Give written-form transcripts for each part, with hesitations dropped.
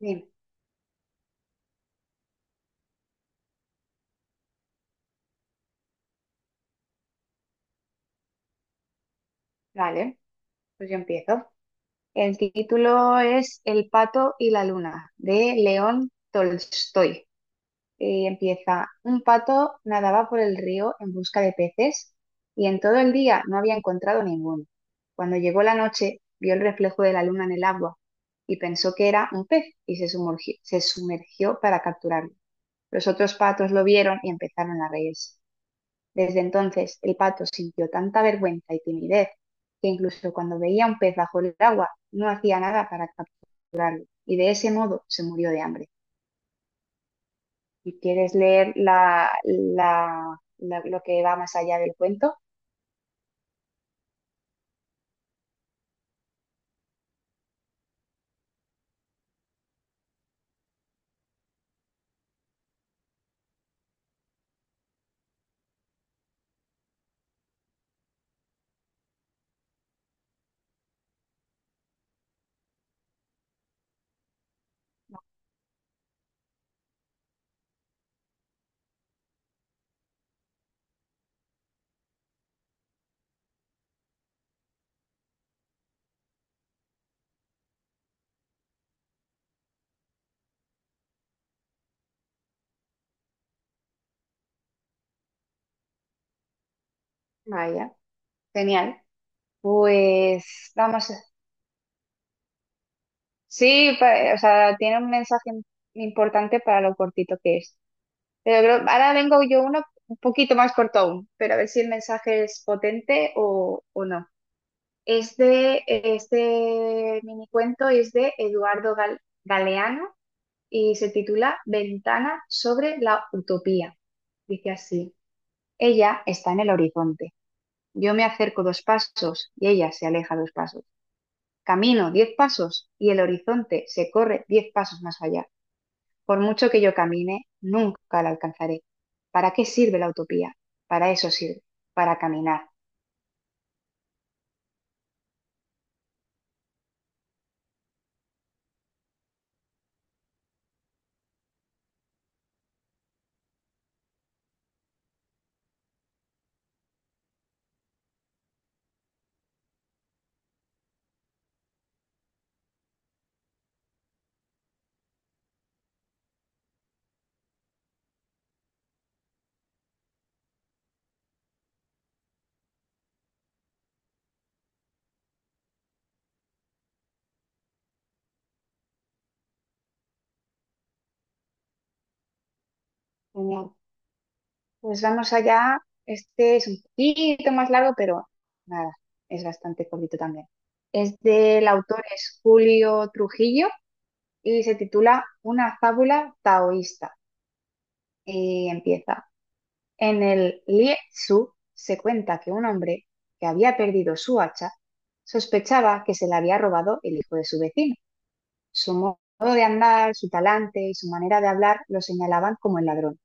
Bien, vale, pues yo empiezo. El título es El pato y la luna, de León Tolstoy. Y empieza, un pato nadaba por el río en busca de peces y en todo el día no había encontrado ninguno. Cuando llegó la noche, vio el reflejo de la luna en el agua y pensó que era un pez y se sumergió para capturarlo. Los otros patos lo vieron y empezaron a reírse. Desde entonces el pato sintió tanta vergüenza y timidez que incluso cuando veía un pez bajo el agua no hacía nada para escapar y de ese modo se murió de hambre. ¿Y quieres leer lo que va más allá del cuento? Vaya, genial. Pues vamos. Sí, o sea, tiene un mensaje importante para lo cortito que es. Ahora vengo yo uno un poquito más corto aún, pero a ver si el mensaje es potente o no. Es Este mini cuento es de Galeano y se titula Ventana sobre la utopía. Dice así, ella está en el horizonte. Yo me acerco dos pasos y ella se aleja dos pasos. Camino diez pasos y el horizonte se corre diez pasos más allá. Por mucho que yo camine, nunca la alcanzaré. ¿Para qué sirve la utopía? Para eso sirve, para caminar. Genial. Pues vamos allá. Este es un poquito más largo, pero nada, es bastante cortito también. Es del autor es Julio Trujillo y se titula Una fábula taoísta. Y empieza. En el Lie Tzu se cuenta que un hombre que había perdido su hacha sospechaba que se la había robado el hijo de su vecino. Su modo de andar, su talante y su manera de hablar lo señalaban como el ladrón.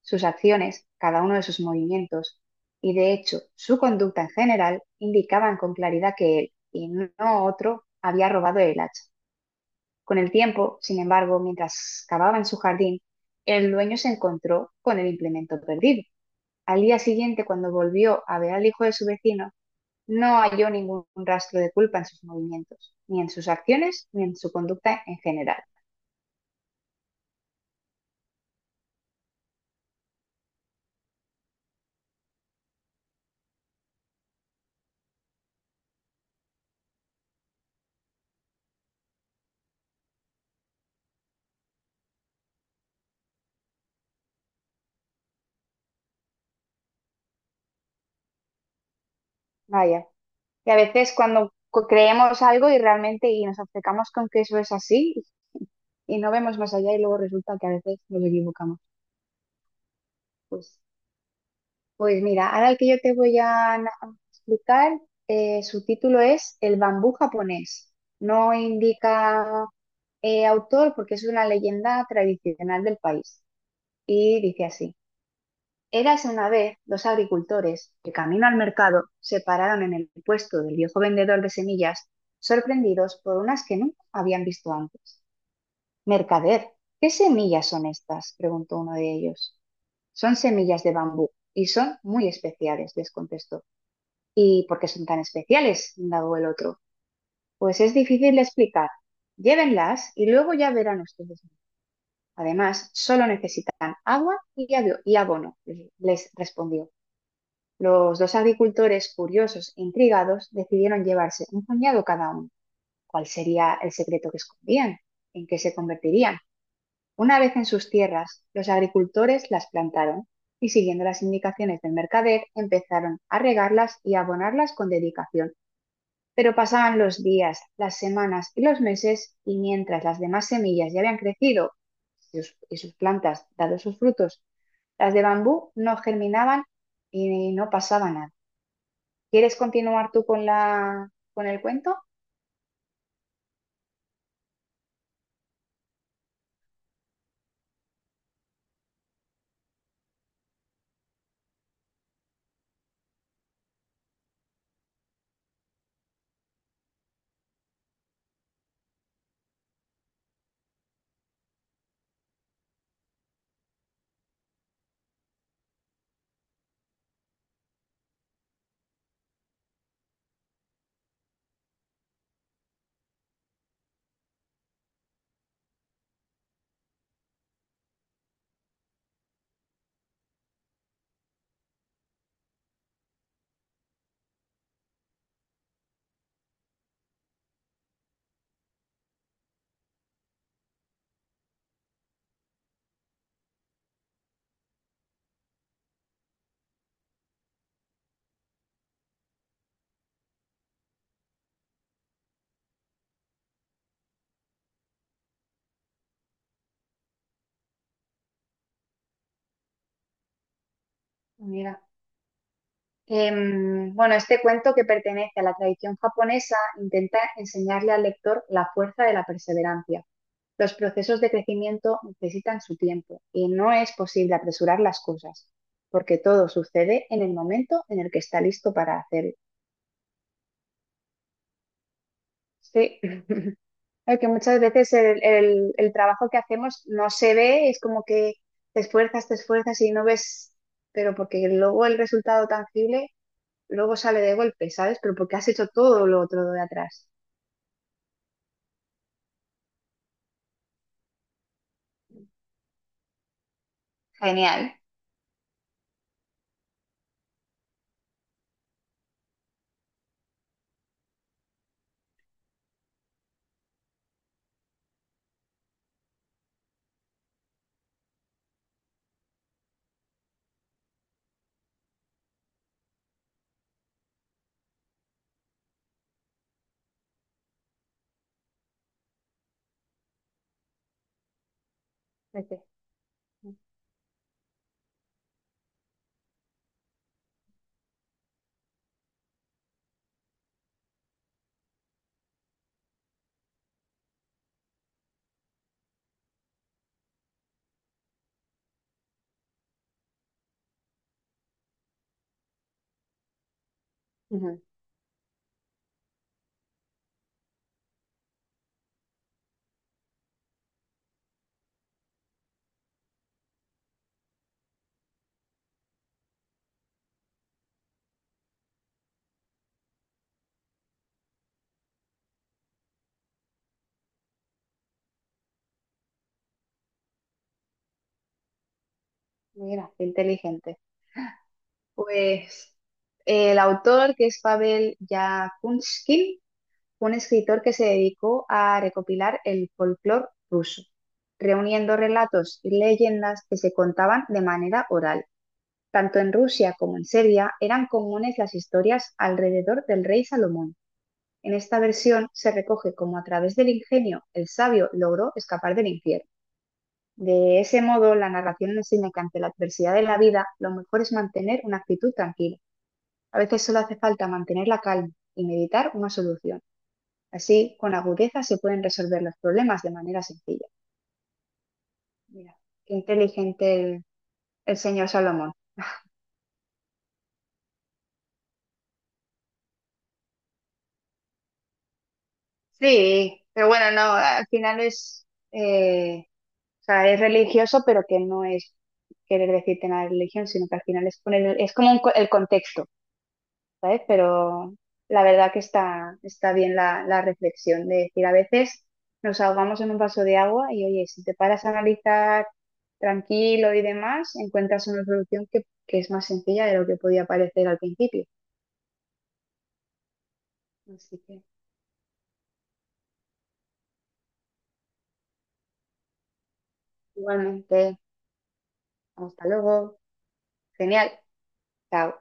Sus acciones, cada uno de sus movimientos y de hecho su conducta en general indicaban con claridad que él y no otro había robado el hacha. Con el tiempo, sin embargo, mientras cavaba en su jardín, el dueño se encontró con el implemento perdido. Al día siguiente, cuando volvió a ver al hijo de su vecino, no halló ningún rastro de culpa en sus movimientos, ni en sus acciones, ni en su conducta en general. Vaya, y a veces cuando creemos algo y realmente y nos obcecamos con que eso es así, y no vemos más allá y luego resulta que a veces nos equivocamos. Pues, pues mira, ahora el que yo te voy a a explicar, su título es El bambú japonés. No indica autor porque es una leyenda tradicional del país. Y dice así. Érase una vez dos agricultores que camino al mercado se pararon en el puesto del viejo vendedor de semillas, sorprendidos por unas que nunca habían visto antes. Mercader, ¿qué semillas son estas?, preguntó uno de ellos. Son semillas de bambú y son muy especiales, les contestó. ¿Y por qué son tan especiales?, indagó el otro. Pues es difícil de explicar. Llévenlas y luego ya verán ustedes. Además, solo necesitan agua y y abono, les respondió. Los dos agricultores, curiosos e intrigados, decidieron llevarse un puñado cada uno. ¿Cuál sería el secreto que escondían? ¿En qué se convertirían? Una vez en sus tierras, los agricultores las plantaron y siguiendo las indicaciones del mercader empezaron a regarlas y a abonarlas con dedicación. Pero pasaban los días, las semanas y los meses y mientras las demás semillas ya habían crecido y sus plantas dado sus frutos, las de bambú no germinaban y no pasaba nada. ¿Quieres continuar tú con con el cuento, amiga? Bueno, este cuento que pertenece a la tradición japonesa intenta enseñarle al lector la fuerza de la perseverancia. Los procesos de crecimiento necesitan su tiempo y no es posible apresurar las cosas, porque todo sucede en el momento en el que está listo para hacerlo. Sí, es que muchas veces el trabajo que hacemos no se ve, es como que te esfuerzas y no ves, pero porque luego el resultado tangible luego sale de golpe, ¿sabes? Pero porque has hecho todo lo otro de atrás. Genial. Ese. Ujú. Mira, qué inteligente. Pues el autor, que es Pavel Yakunskin, fue un escritor que se dedicó a recopilar el folclore ruso, reuniendo relatos y leyendas que se contaban de manera oral. Tanto en Rusia como en Serbia eran comunes las historias alrededor del rey Salomón. En esta versión se recoge cómo a través del ingenio el sabio logró escapar del infierno. De ese modo, la narración enseña que ante la adversidad de la vida, lo mejor es mantener una actitud tranquila. A veces solo hace falta mantener la calma y meditar una solución. Así, con agudeza se pueden resolver los problemas de manera sencilla. Mira, qué inteligente el señor Salomón. Sí, pero bueno, no, al final es eh, o sea, es religioso, pero que no es querer decirte nada de religión, sino que al final es poner, es como un el contexto, ¿sabes? Pero la verdad que está bien la reflexión de decir, a veces nos ahogamos en un vaso de agua y oye, si te paras a analizar tranquilo y demás, encuentras una solución que es más sencilla de lo que podía parecer al principio. Así que, igualmente, hasta luego. Genial. Chao.